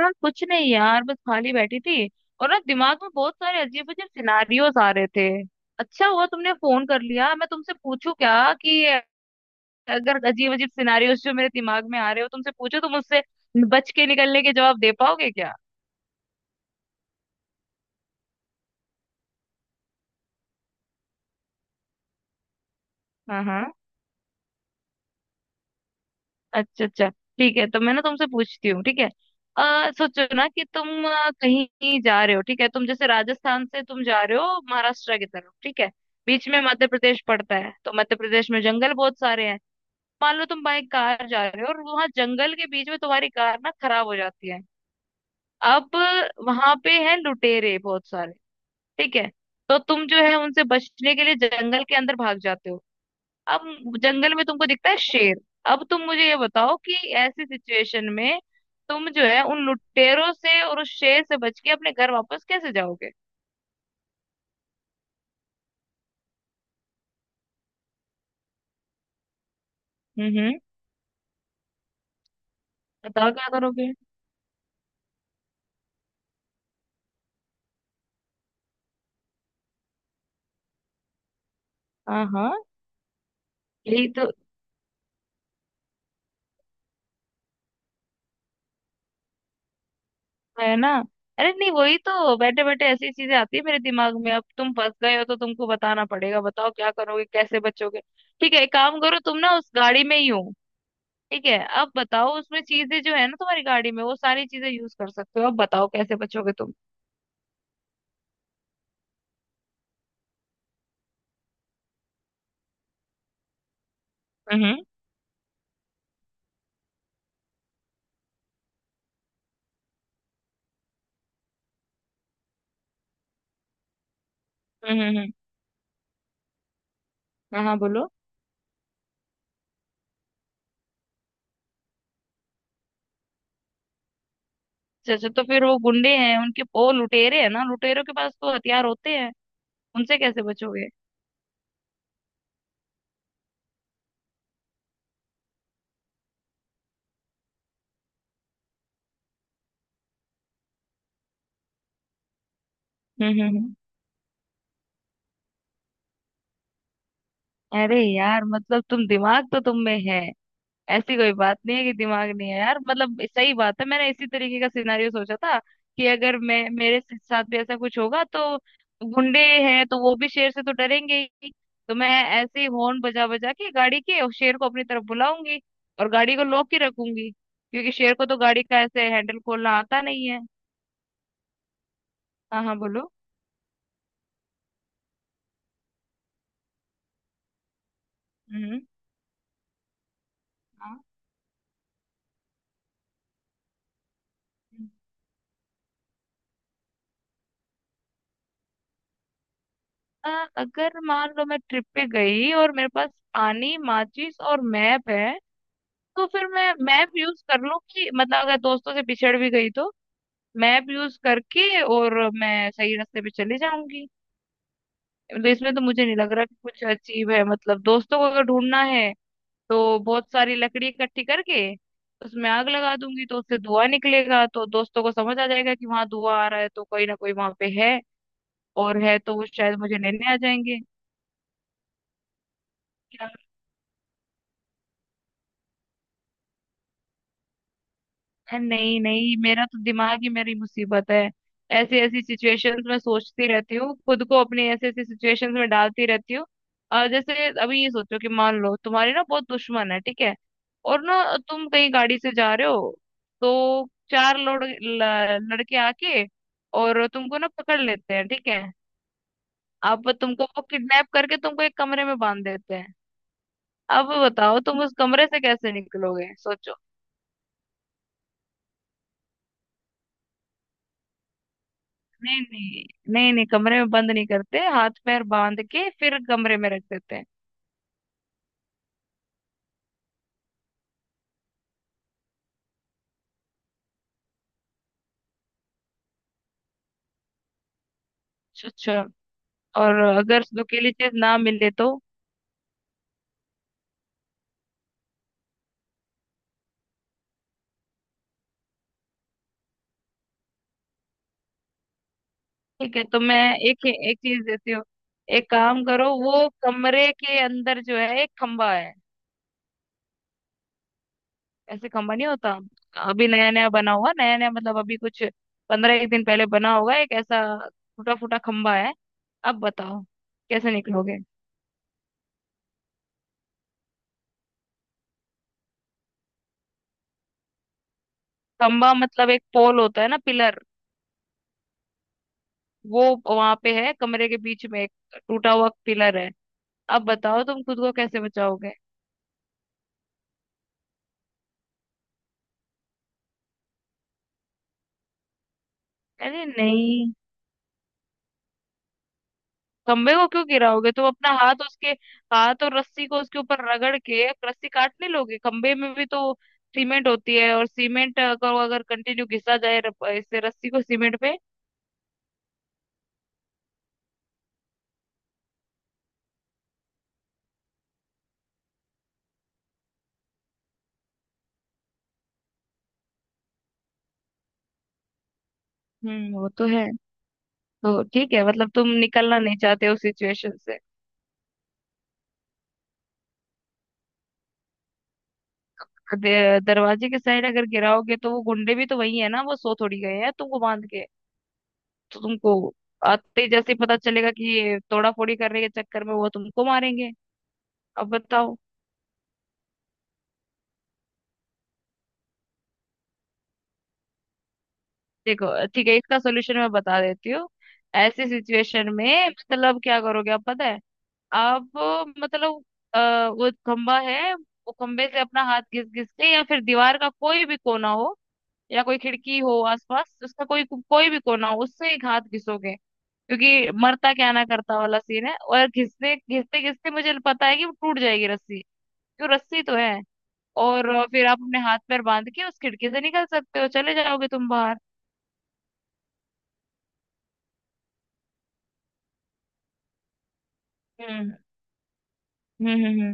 हाँ, कुछ नहीं यार, बस खाली बैठी थी। और ना, दिमाग में बहुत सारे अजीब अजीब सिनारियोज आ रहे थे। अच्छा हुआ तुमने फोन कर लिया। मैं तुमसे पूछूं क्या कि अगर अजीब अजीब सिनारियोज जो मेरे दिमाग में आ रहे हो तुमसे पूछो, तुम उससे बच के निकलने के जवाब दे पाओगे क्या? हाँ हाँ। अच्छा अच्छा। ठीक है, तो मैं ना तुमसे पूछती हूँ। ठीक है। सोचो ना कि तुम कहीं जा रहे हो। ठीक है, तुम जैसे राजस्थान से तुम जा रहे हो महाराष्ट्र की तरफ। ठीक है। बीच में मध्य प्रदेश पड़ता है, तो मध्य प्रदेश में जंगल बहुत सारे हैं। मान लो तुम बाइक कार जा रहे हो और वहां जंगल के बीच में तुम्हारी कार ना खराब हो जाती है। अब वहां पे है लुटेरे बहुत सारे। ठीक है। तो तुम जो है उनसे बचने के लिए जंगल के अंदर भाग जाते हो। अब जंगल में तुमको दिखता है शेर। अब तुम मुझे ये बताओ कि ऐसी सिचुएशन में तुम जो है उन लुटेरों से और उस शेर से बच के अपने घर वापस कैसे जाओगे? हम्म। बताओ क्या करोगे। हाँ हाँ। यही तो है ना। अरे नहीं, वही तो बैठे बैठे ऐसी चीजें आती है मेरे दिमाग में। अब तुम फंस गए हो तो तुमको बताना पड़ेगा। बताओ क्या करोगे, कैसे बचोगे। ठीक है, एक काम करो, तुम ना उस गाड़ी में ही हो। ठीक है, अब बताओ उसमें चीजें जो है ना, तुम्हारी गाड़ी में वो सारी चीजें यूज कर सकते हो। अब बताओ कैसे बचोगे तुम। हम्म हम्म। हम्म। हम्म। हाँ हाँ, बोलो। अच्छा अच्छा, तो फिर वो गुंडे हैं उनके, वो लुटेरे हैं ना, लुटेरों के पास तो हथियार होते हैं। उनसे कैसे बचोगे? हम्म हम्म हम्म। अरे यार, मतलब तुम, दिमाग तो तुम में है। ऐसी कोई बात नहीं है कि दिमाग नहीं है। यार मतलब सही बात है। मैंने इसी तरीके का सिनारियो सोचा था कि अगर मैं, मेरे साथ भी ऐसा कुछ होगा तो गुंडे हैं तो वो भी शेर से तो डरेंगे ही। तो मैं ऐसे ही हॉर्न बजा बजा के गाड़ी के और शेर को अपनी तरफ बुलाऊंगी। और गाड़ी को लॉक ही रखूंगी क्योंकि शेर को तो गाड़ी का ऐसे हैंडल खोलना आता नहीं है। हाँ हाँ, बोलो। हम्म। हाँ। अगर मान लो मैं ट्रिप पे गई और मेरे पास पानी, माचिस और मैप है, तो फिर मैं मैप यूज कर लूँ कि मतलब अगर दोस्तों से पिछड़ भी गई तो मैप यूज करके और मैं सही रास्ते पे चली जाऊंगी। मतलब इसमें तो मुझे नहीं लग रहा कि कुछ अचीव है। मतलब दोस्तों को अगर ढूंढना है तो बहुत सारी लकड़ी इकट्ठी करके उसमें आग लगा दूंगी, तो उससे धुआं निकलेगा, तो दोस्तों को समझ आ जाएगा कि वहां धुआं आ रहा है तो कोई ना कोई वहां पे है, और है तो वो शायद मुझे लेने आ जाएंगे। नहीं नहीं, मेरा तो दिमाग ही मेरी मुसीबत है। ऐसी ऐसी सिचुएशंस में सोचती रहती हूँ, खुद को अपनी ऐसी ऐसी सिचुएशंस में डालती रहती हूँ। और जैसे अभी ये सोचो कि मान लो तुम्हारी ना बहुत दुश्मन है। ठीक है, और ना तुम कहीं गाड़ी से जा रहे हो तो चार लोग लड़के आके और तुमको ना पकड़ लेते हैं। ठीक है, अब तुमको वो किडनैप करके तुमको एक कमरे में बांध देते हैं। अब बताओ तुम उस कमरे से कैसे निकलोगे, सोचो। नहीं नहीं। नहीं नहीं, कमरे में बंद नहीं करते, हाथ पैर बांध के फिर कमरे में रख देते हैं। अच्छा। और अगर नुकीली चीज ना मिले तो? ठीक है, तो मैं एक एक चीज देती हूँ। एक काम करो, वो कमरे के अंदर जो है एक खंबा है। ऐसे खंबा नहीं होता, अभी नया नया बना हुआ। नया नया मतलब अभी कुछ 15 एक दिन पहले बना होगा। एक ऐसा टूटा फूटा खंबा है। अब बताओ कैसे निकलोगे। खंबा मतलब एक पोल होता है ना, पिलर। वो वहां पे है कमरे के बीच में एक टूटा हुआ पिलर है। अब बताओ तुम खुद को कैसे बचाओगे। अरे नहीं, खंबे को क्यों गिराओगे? तुम अपना हाथ उसके, हाथ और रस्सी को उसके ऊपर रगड़ के रस्सी काट नहीं लोगे? खंबे में भी तो सीमेंट होती है और सीमेंट को अगर कंटिन्यू घिसा जाए इससे रस्सी को सीमेंट पे। हम्म, वो तो है। तो ठीक है, मतलब तुम निकलना नहीं चाहते उस सिचुएशन से। दरवाजे के साइड अगर गिराओगे तो वो गुंडे भी तो वही है ना, वो सो थोड़ी गए हैं तुमको बांध के। तो तुमको आते ही जैसे ही पता चलेगा कि ये तोड़ा फोड़ी करने के चक्कर में, वो तुमको मारेंगे। अब बताओ। देखो ठीक है, इसका सोल्यूशन मैं बता देती हूँ। ऐसी सिचुएशन में मतलब क्या करोगे आप, पता है। आप मतलब, अ, वो खंबा है, वो खंबे से अपना हाथ घिस घिस के या फिर दीवार का कोई भी कोना हो या कोई खिड़की हो आसपास, उसका कोई कोई भी कोना हो, उससे एक हाथ घिसोगे। क्योंकि मरता क्या ना करता वाला सीन है, और घिसने घिसते घिसते मुझे पता है कि वो टूट जाएगी रस्सी। क्यों, रस्सी तो है। और फिर आप अपने हाथ पैर बांध के उस खिड़की से निकल सकते हो, चले जाओगे तुम बाहर। हम्म हम्म हम्म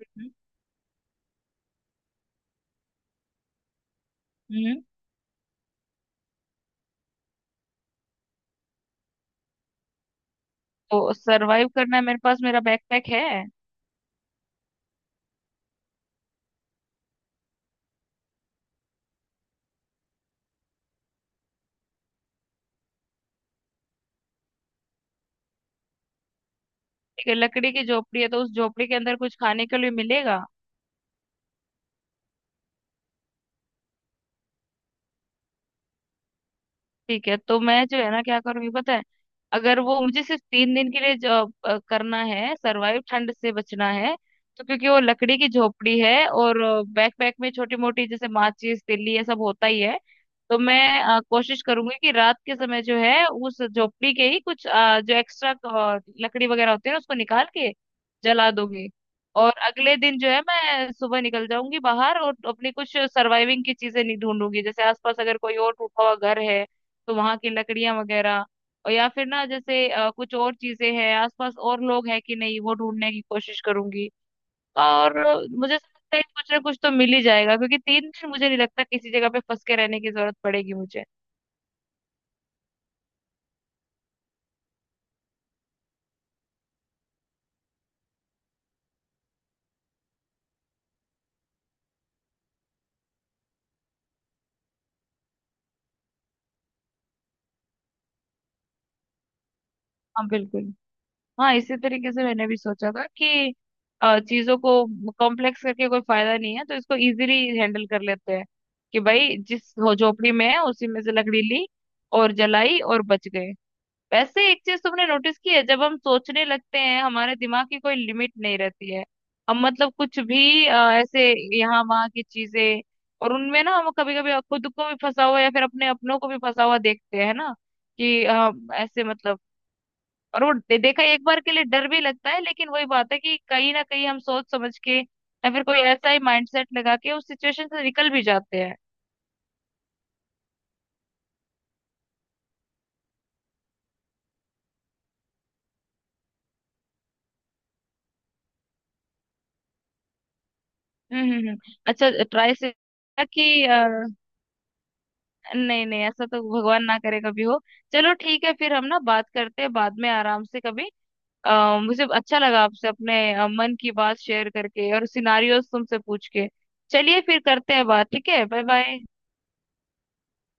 हम्म हम्म, हम्म। तो सरवाइव करना है, मेरे पास मेरा बैकपैक है। ठीक है, लकड़ी की झोपड़ी है तो उस झोपड़ी के अंदर कुछ खाने के लिए मिलेगा? ठीक है, तो मैं जो है ना क्या करूंगी पता है। अगर वो मुझे सिर्फ 3 दिन के लिए जो करना है सरवाइव, ठंड से बचना है, तो क्योंकि वो लकड़ी की झोपड़ी है और बैक पैक में छोटी मोटी जैसे माचिस तिल्ली ये सब होता ही है, तो मैं कोशिश करूंगी कि रात के समय जो है उस झोपड़ी के ही कुछ जो एक्स्ट्रा लकड़ी वगैरह होती है ना, उसको निकाल के जला दूंगी। और अगले दिन जो है मैं सुबह निकल जाऊंगी बाहर और अपनी कुछ सर्वाइविंग की चीजें नहीं ढूंढूंगी, जैसे आसपास अगर कोई और टूटा हुआ घर है तो वहां की लकड़ियां वगैरह, और या फिर ना जैसे कुछ और चीजें हैं आसपास और लोग हैं कि नहीं वो ढूंढने की कोशिश करूंगी। और मुझे ऐसा लगता है कुछ ना कुछ तो मिल ही जाएगा क्योंकि 3 दिन मुझे नहीं लगता किसी जगह पे फंस के रहने की जरूरत पड़ेगी मुझे। हाँ बिल्कुल। हाँ इसी तरीके से मैंने भी सोचा था कि चीजों को कॉम्प्लेक्स करके कोई फायदा नहीं है, तो इसको इजीली हैंडल कर लेते हैं कि भाई झोपड़ी में है उसी में से लकड़ी ली और जलाई और बच गए। वैसे एक चीज तुमने नोटिस की है, जब हम सोचने लगते हैं हमारे दिमाग की कोई लिमिट नहीं रहती है। हम मतलब कुछ भी ऐसे यहाँ वहाँ की चीजें, और उनमें ना हम कभी कभी खुद को भी फंसा हुआ या फिर अपने अपनों को भी फंसा हुआ देखते हैं ना कि ऐसे मतलब। और वो देखा एक बार के लिए डर भी लगता है, लेकिन वही बात है कि कहीं ना कहीं हम सोच समझ के या फिर कोई ऐसा ही माइंडसेट लगा के उस सिचुएशन से निकल भी जाते हैं। हम्म हम्म हम्म। अच्छा ट्राई से कि, नहीं नहीं, ऐसा तो भगवान ना करे कभी हो। चलो ठीक है, फिर हम ना बात करते हैं बाद में आराम से कभी। मुझे अच्छा लगा आपसे अपने मन की बात शेयर करके और सिनारियोस तुमसे पूछ के। चलिए फिर करते हैं बात। ठीक है, बाय बाय।